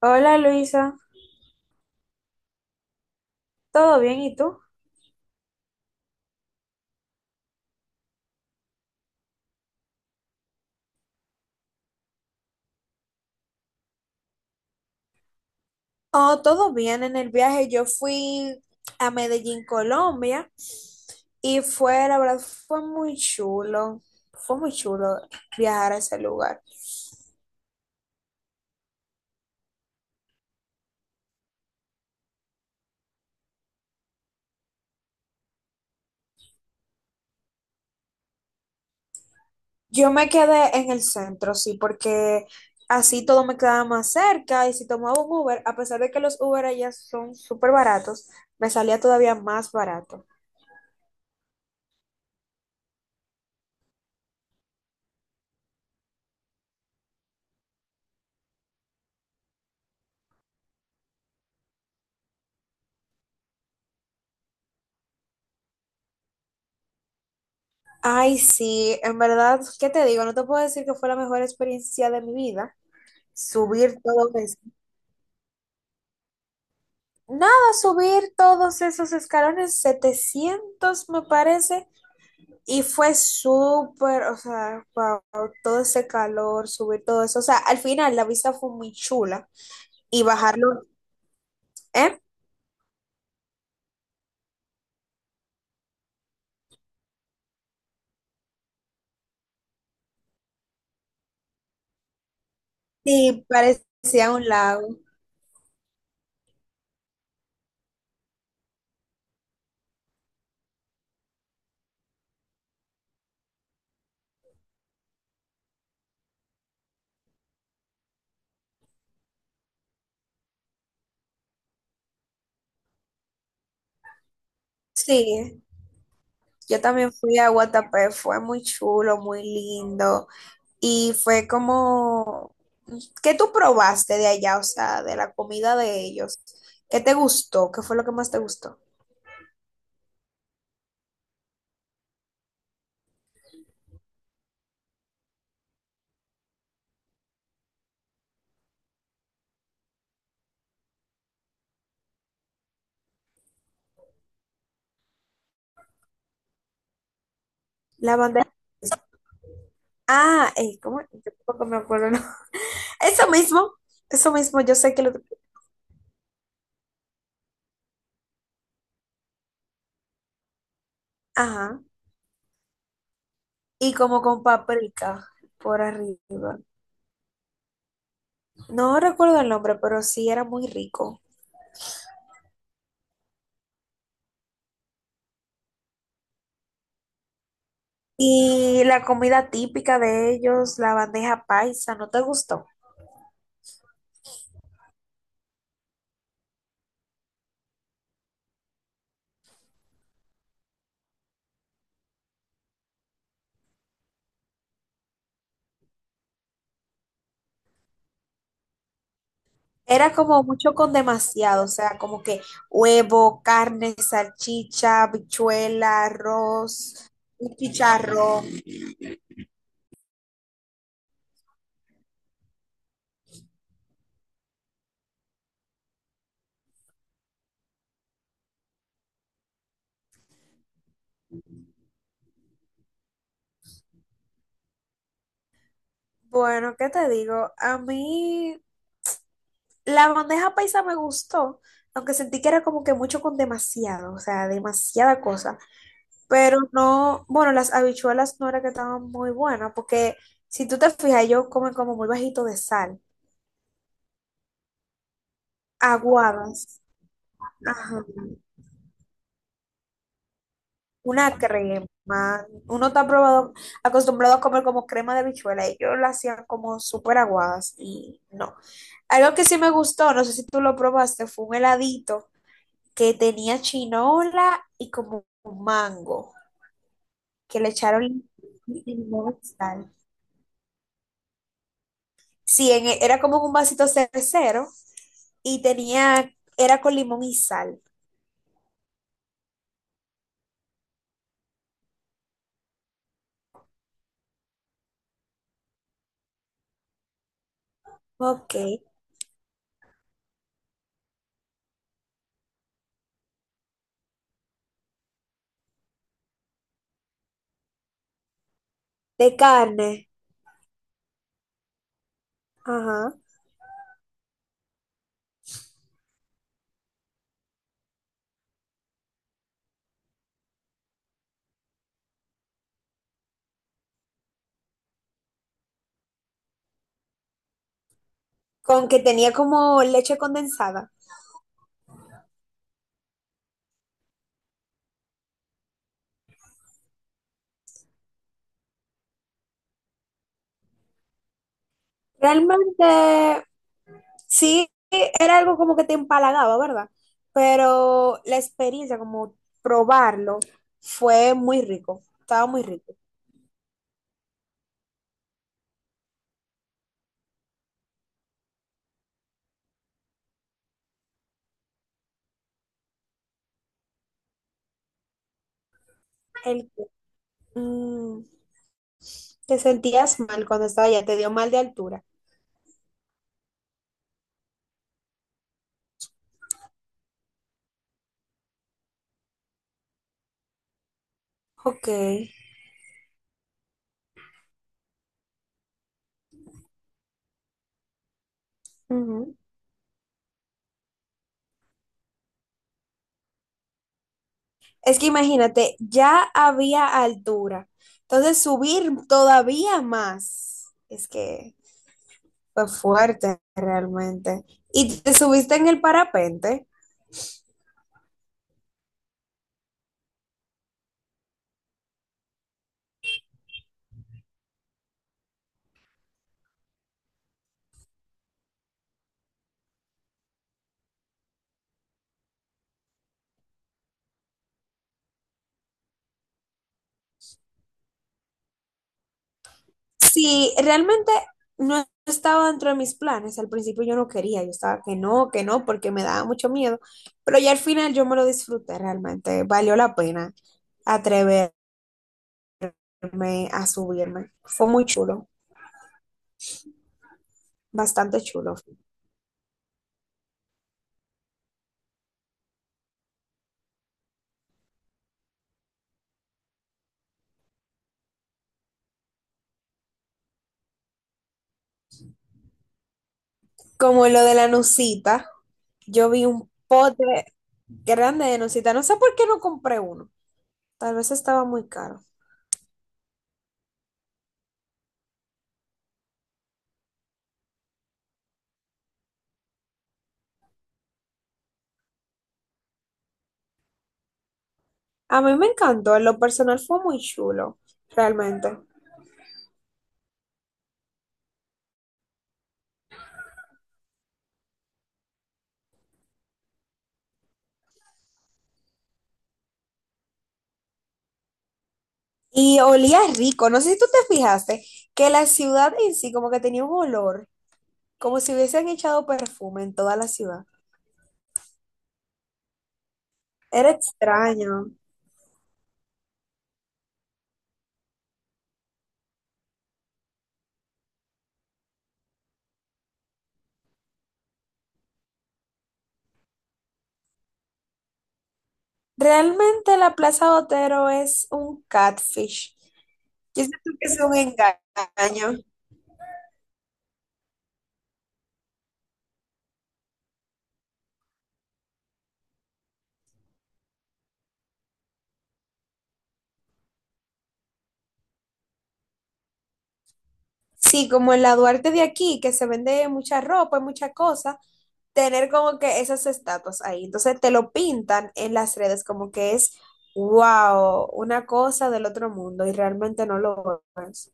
Hola Luisa, ¿todo bien? ¿Y tú? Oh, todo bien en el viaje. Yo fui a Medellín, Colombia, y fue, la verdad, fue muy chulo. Fue muy chulo viajar a ese lugar. Yo me quedé en el centro, sí, porque así todo me quedaba más cerca y si tomaba un Uber, a pesar de que los Uber allá son súper baratos, me salía todavía más barato. Ay, sí, en verdad, ¿qué te digo? No te puedo decir que fue la mejor experiencia de mi vida subir todo eso. Nada, subir todos esos escalones, 700 me parece. Y fue súper, o sea, wow, todo ese calor, subir todo eso. O sea, al final la vista fue muy chula. Y bajarlo, ¿eh? Sí, parecía un lago. Sí, yo también fui a Guatapé, fue muy chulo, muy lindo. Y fue como, ¿qué tú probaste de allá? O sea, de la comida de ellos. ¿Qué te gustó? ¿Qué fue lo que más te gustó? La bandeja. Ah, ¿cómo? Yo tampoco me acuerdo, ¿no? Eso mismo, eso mismo, yo sé que lo. Ajá. Y como con paprika por arriba. No recuerdo el nombre, pero sí era muy rico. Y la comida típica de ellos, la bandeja paisa, ¿no te gustó? Era como mucho con demasiado, o sea, como que huevo, carne, salchicha, habichuela, arroz, un chicharrón. Bueno, ¿qué te digo? A mí la bandeja paisa me gustó, aunque sentí que era como que mucho con demasiado, o sea, demasiada cosa. Pero no, bueno, las habichuelas no era que estaban muy buenas, porque si tú te fijas, ellos comen como muy bajito de sal, aguadas, ajá, una crema. Uno está probado, acostumbrado a comer como crema de habichuela, ellos la hacían como súper aguadas y no. Algo que sí me gustó, no sé si tú lo probaste, fue un heladito que tenía chinola y como mango. Que le echaron limón y sal. Sí, era como un vasito cervecero y tenía, era con limón y sal. Ok. De carne. Ajá. Con que tenía como leche condensada. Realmente, sí, era algo como que te empalagaba, ¿verdad? Pero la experiencia, como probarlo, fue muy rico. Estaba muy rico. El, mm, te sentías mal cuando estaba allá, te dio mal de altura. Ok. Ujú. Es que imagínate, ya había altura. Entonces subir todavía más. Es que fue fuerte realmente. ¿Y te subiste en el parapente? Sí, realmente no estaba dentro de mis planes. Al principio yo no quería, yo estaba que no, porque me daba mucho miedo. Pero ya al final yo me lo disfruté realmente. Valió la pena atreverme a subirme. Fue muy chulo, bastante chulo. Como lo de la nucita, yo vi un pote grande de nucita. No sé por qué no compré uno. Tal vez estaba muy caro. A mí me encantó, en lo personal fue muy chulo, realmente. Y olía rico. No sé si tú te fijaste que la ciudad en sí como que tenía un olor, como si hubiesen echado perfume en toda la ciudad. Era extraño. Realmente la Plaza Botero es un catfish. Yo siento que es un engaño. Sí, como en la Duarte de aquí, que se vende mucha ropa y muchas cosas, tener como que esas estatuas ahí. Entonces te lo pintan en las redes como que es, wow, una cosa del otro mundo y realmente no lo es.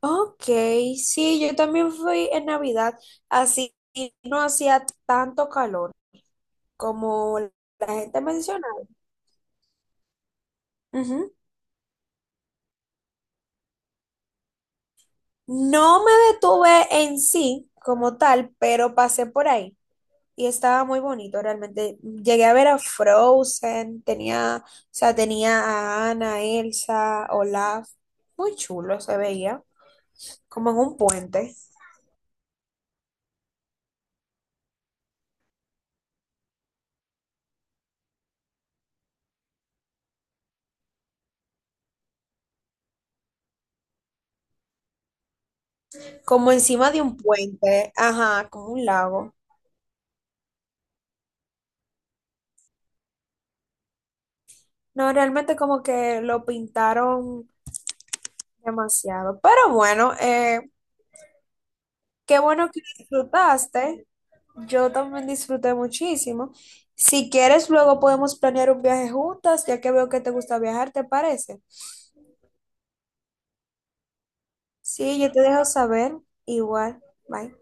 Ok, sí, yo también fui en Navidad, así no hacía tanto calor como la gente mencionaba. Ujú. No me detuve en sí como tal, pero pasé por ahí. Y estaba muy bonito realmente. Llegué a ver a Frozen, tenía, o sea, tenía a Anna, Elsa, Olaf. Muy chulo se veía, como en un puente, como encima de un puente, ajá, como un lago. No, realmente como que lo pintaron demasiado. Pero bueno, qué bueno que disfrutaste. Yo también disfruté muchísimo. Si quieres, luego podemos planear un viaje juntas, ya que veo que te gusta viajar, ¿te parece? Sí, yo te dejo saber. Igual. Bye.